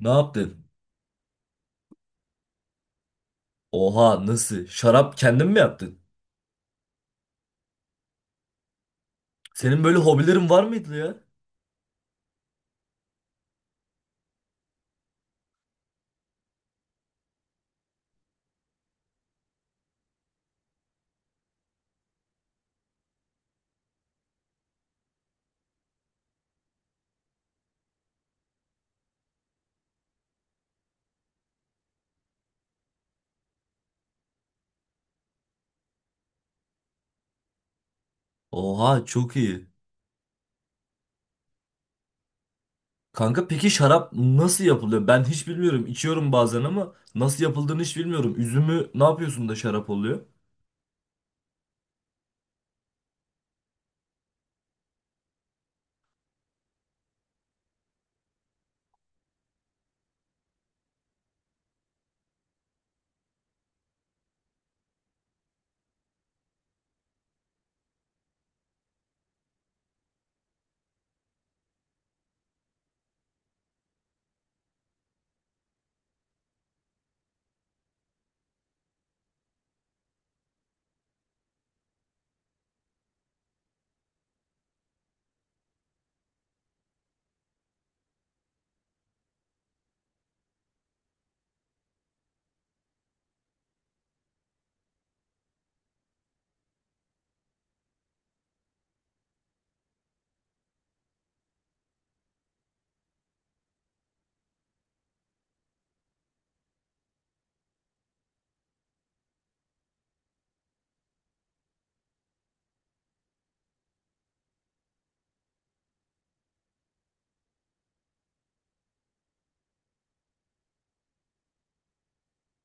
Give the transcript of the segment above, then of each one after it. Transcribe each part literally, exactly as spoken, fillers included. Ne yaptın? Oha nasıl? Şarap kendin mi yaptın? Senin böyle hobilerin var mıydı ya? Oha çok iyi. Kanka peki şarap nasıl yapılıyor? Ben hiç bilmiyorum. İçiyorum bazen ama nasıl yapıldığını hiç bilmiyorum. Üzümü ne yapıyorsun da şarap oluyor?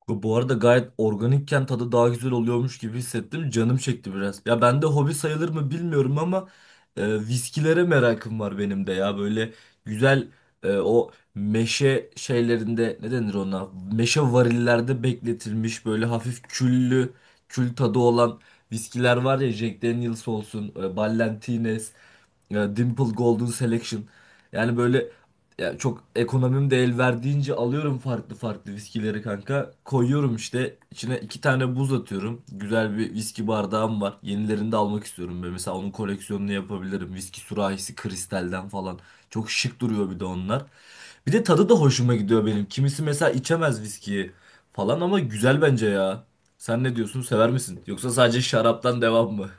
Bu bu arada gayet organikken tadı daha güzel oluyormuş gibi hissettim. Canım çekti biraz. Ya bende hobi sayılır mı bilmiyorum ama e, viskilere merakım var benim de ya. Böyle güzel e, o meşe şeylerinde ne denir ona? Meşe varillerde bekletilmiş böyle hafif küllü, kül tadı olan viskiler var ya. Jack Daniel's olsun, e, Ballantines. Ya Dimple Golden Selection. Yani böyle ya çok ekonomim de el verdiğince alıyorum farklı farklı viskileri kanka. Koyuyorum işte içine iki tane buz atıyorum. Güzel bir viski bardağım var. Yenilerini de almak istiyorum. Böyle mesela onun koleksiyonunu yapabilirim. Viski sürahisi kristalden falan. Çok şık duruyor bir de onlar. Bir de tadı da hoşuma gidiyor benim. Kimisi mesela içemez viskiyi falan ama güzel bence ya. Sen ne diyorsun? Sever misin? Yoksa sadece şaraptan devam mı?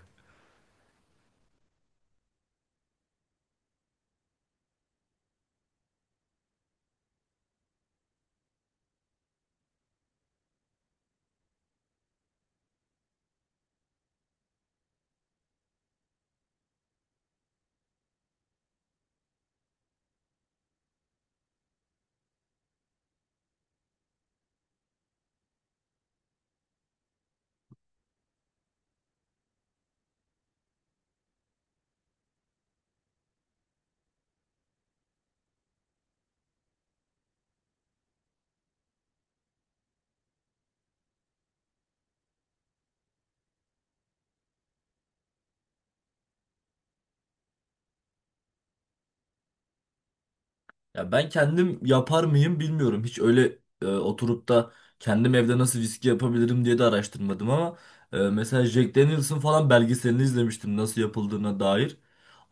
Ya ben kendim yapar mıyım bilmiyorum. Hiç öyle e, oturup da kendim evde nasıl viski yapabilirim diye de araştırmadım ama e, mesela Jack Daniels'ın falan belgeselini izlemiştim nasıl yapıldığına dair.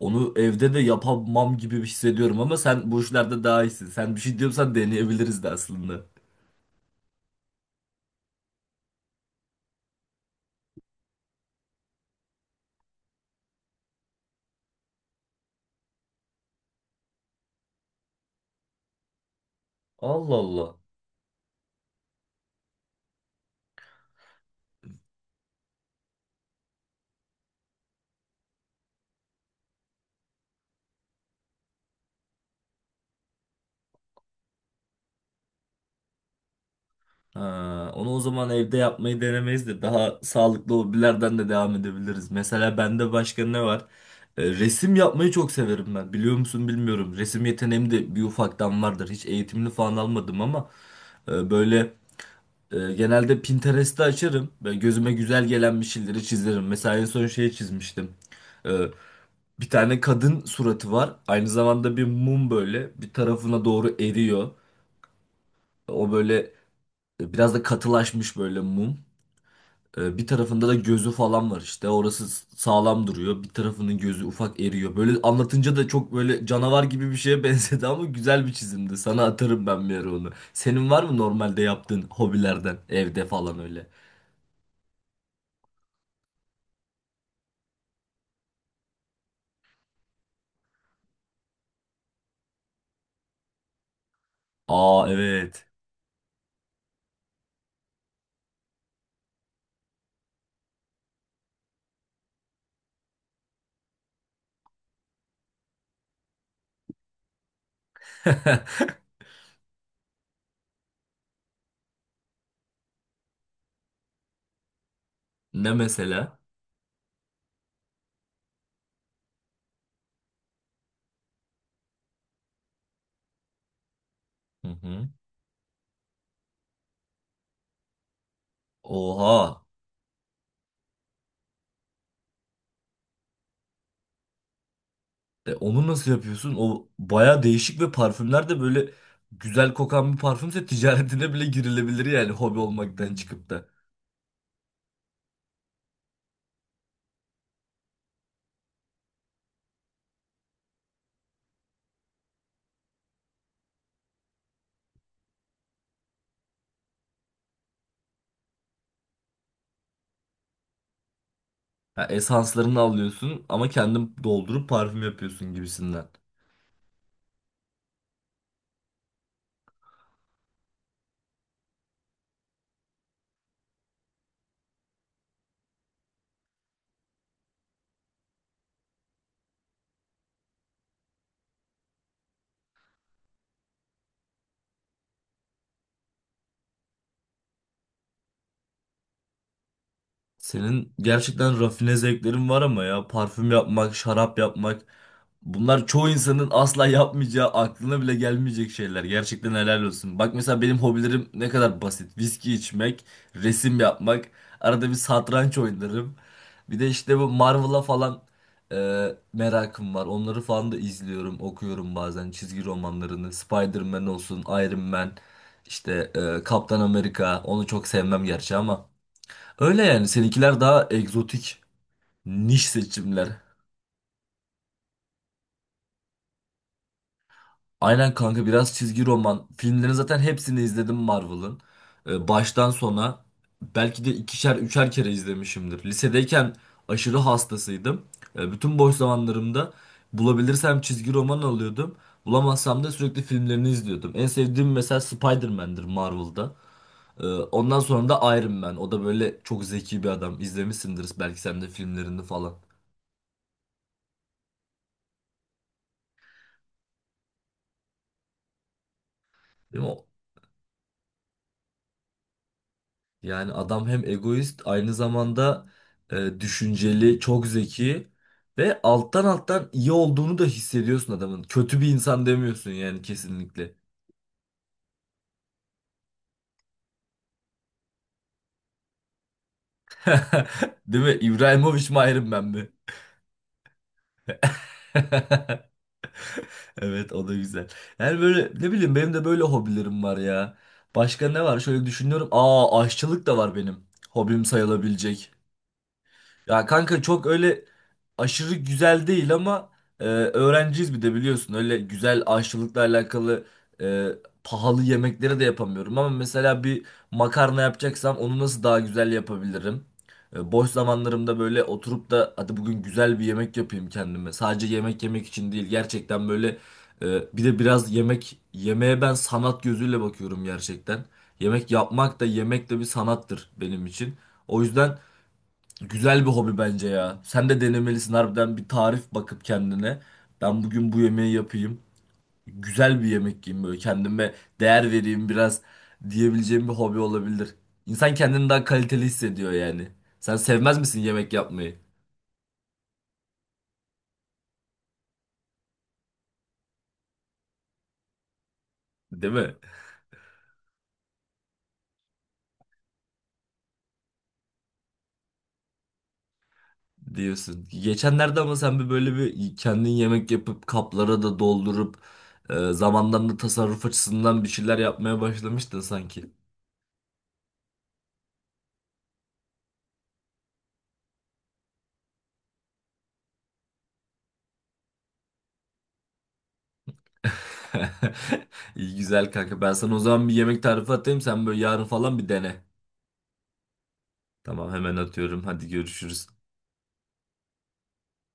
Onu evde de yapamam gibi hissediyorum ama sen bu işlerde daha iyisin. Sen bir şey diyorsan deneyebiliriz de aslında. Allah Allah. Ha, onu o zaman evde yapmayı denemeyiz de daha sağlıklı hobilerden de devam edebiliriz. Mesela bende başka ne var? E, resim yapmayı çok severim ben. Biliyor musun bilmiyorum. Resim yeteneğim de bir ufaktan vardır. Hiç eğitimli falan almadım ama e, böyle e, genelde Pinterest'i açarım. Ve gözüme güzel gelen bir şeyleri çizerim. Mesela en son şeyi çizmiştim. E, bir tane kadın suratı var. Aynı zamanda bir mum böyle bir tarafına doğru eriyor. O böyle e, Biraz da katılaşmış böyle mum. Ee, Bir tarafında da gözü falan var işte. Orası s- sağlam duruyor. Bir tarafının gözü ufak eriyor. Böyle anlatınca da çok böyle canavar gibi bir şeye benzedi ama güzel bir çizimdi. Sana atarım ben bir ara onu. Senin var mı normalde yaptığın hobilerden evde falan öyle? Aa, evet. Ne mesela? Hı hı. Oha. E, onu nasıl yapıyorsun? O baya değişik ve parfümler de böyle güzel kokan bir parfümse ticaretine bile girilebilir yani hobi olmaktan çıkıp da. Ha, esanslarını alıyorsun ama kendin doldurup parfüm yapıyorsun gibisinden. Senin gerçekten rafine zevklerin var ama ya parfüm yapmak, şarap yapmak bunlar çoğu insanın asla yapmayacağı, aklına bile gelmeyecek şeyler. Gerçekten helal olsun. Bak mesela benim hobilerim ne kadar basit. Viski içmek, resim yapmak, arada bir satranç oynarım. Bir de işte bu Marvel'a falan e, merakım var. Onları falan da izliyorum, okuyorum bazen çizgi romanlarını. Spider-Man olsun, Iron Man, işte e, Kaptan Amerika. Onu çok sevmem gerçi ama. Öyle yani seninkiler daha egzotik, niş seçimler. Aynen kanka biraz çizgi roman. Filmlerin zaten hepsini izledim Marvel'ın. Ee, baştan sona belki de ikişer üçer kere izlemişimdir. Lisedeyken aşırı hastasıydım. Ee, bütün boş zamanlarımda bulabilirsem çizgi roman alıyordum. Bulamazsam da sürekli filmlerini izliyordum. En sevdiğim mesela Spider-Man'dir Marvel'da. Ee, ondan sonra da Iron Man. O da böyle çok zeki bir adam. İzlemişsindir belki sen de filmlerini falan. Değil mi? Yani adam hem egoist aynı zamanda e, düşünceli, çok zeki ve alttan alttan iyi olduğunu da hissediyorsun adamın. Kötü bir insan demiyorsun yani kesinlikle. Değil mi? İbrahimovic mi ayrım ben mi? Evet o da güzel. Yani böyle ne bileyim benim de böyle hobilerim var ya. Başka ne var? Şöyle düşünüyorum. Aa, aşçılık da var benim. Hobim sayılabilecek. Ya kanka çok öyle aşırı güzel değil ama e, öğrenciyiz bir de biliyorsun. Öyle güzel aşçılıkla alakalı e, pahalı yemekleri de yapamıyorum. Ama mesela bir makarna yapacaksam onu nasıl daha güzel yapabilirim? E, boş zamanlarımda böyle oturup da hadi bugün güzel bir yemek yapayım kendime. Sadece yemek yemek için değil gerçekten böyle e, bir de biraz yemek yemeğe ben sanat gözüyle bakıyorum gerçekten. Yemek yapmak da yemek de bir sanattır benim için. O yüzden... Güzel bir hobi bence ya. Sen de denemelisin harbiden bir tarif bakıp kendine. Ben bugün bu yemeği yapayım. Güzel bir yemek yiyeyim böyle kendime değer vereyim biraz diyebileceğim bir hobi olabilir. İnsan kendini daha kaliteli hissediyor yani. Sen sevmez misin yemek yapmayı? Değil mi? Diyorsun. Geçenlerde ama sen bir böyle bir kendin yemek yapıp kaplara da doldurup e, zamandan da tasarruf açısından bir şeyler yapmaya başlamıştın sanki. İyi güzel kanka. Ben sana o zaman bir yemek tarifi atayım. Sen böyle yarın falan bir dene. Tamam hemen atıyorum. Hadi görüşürüz.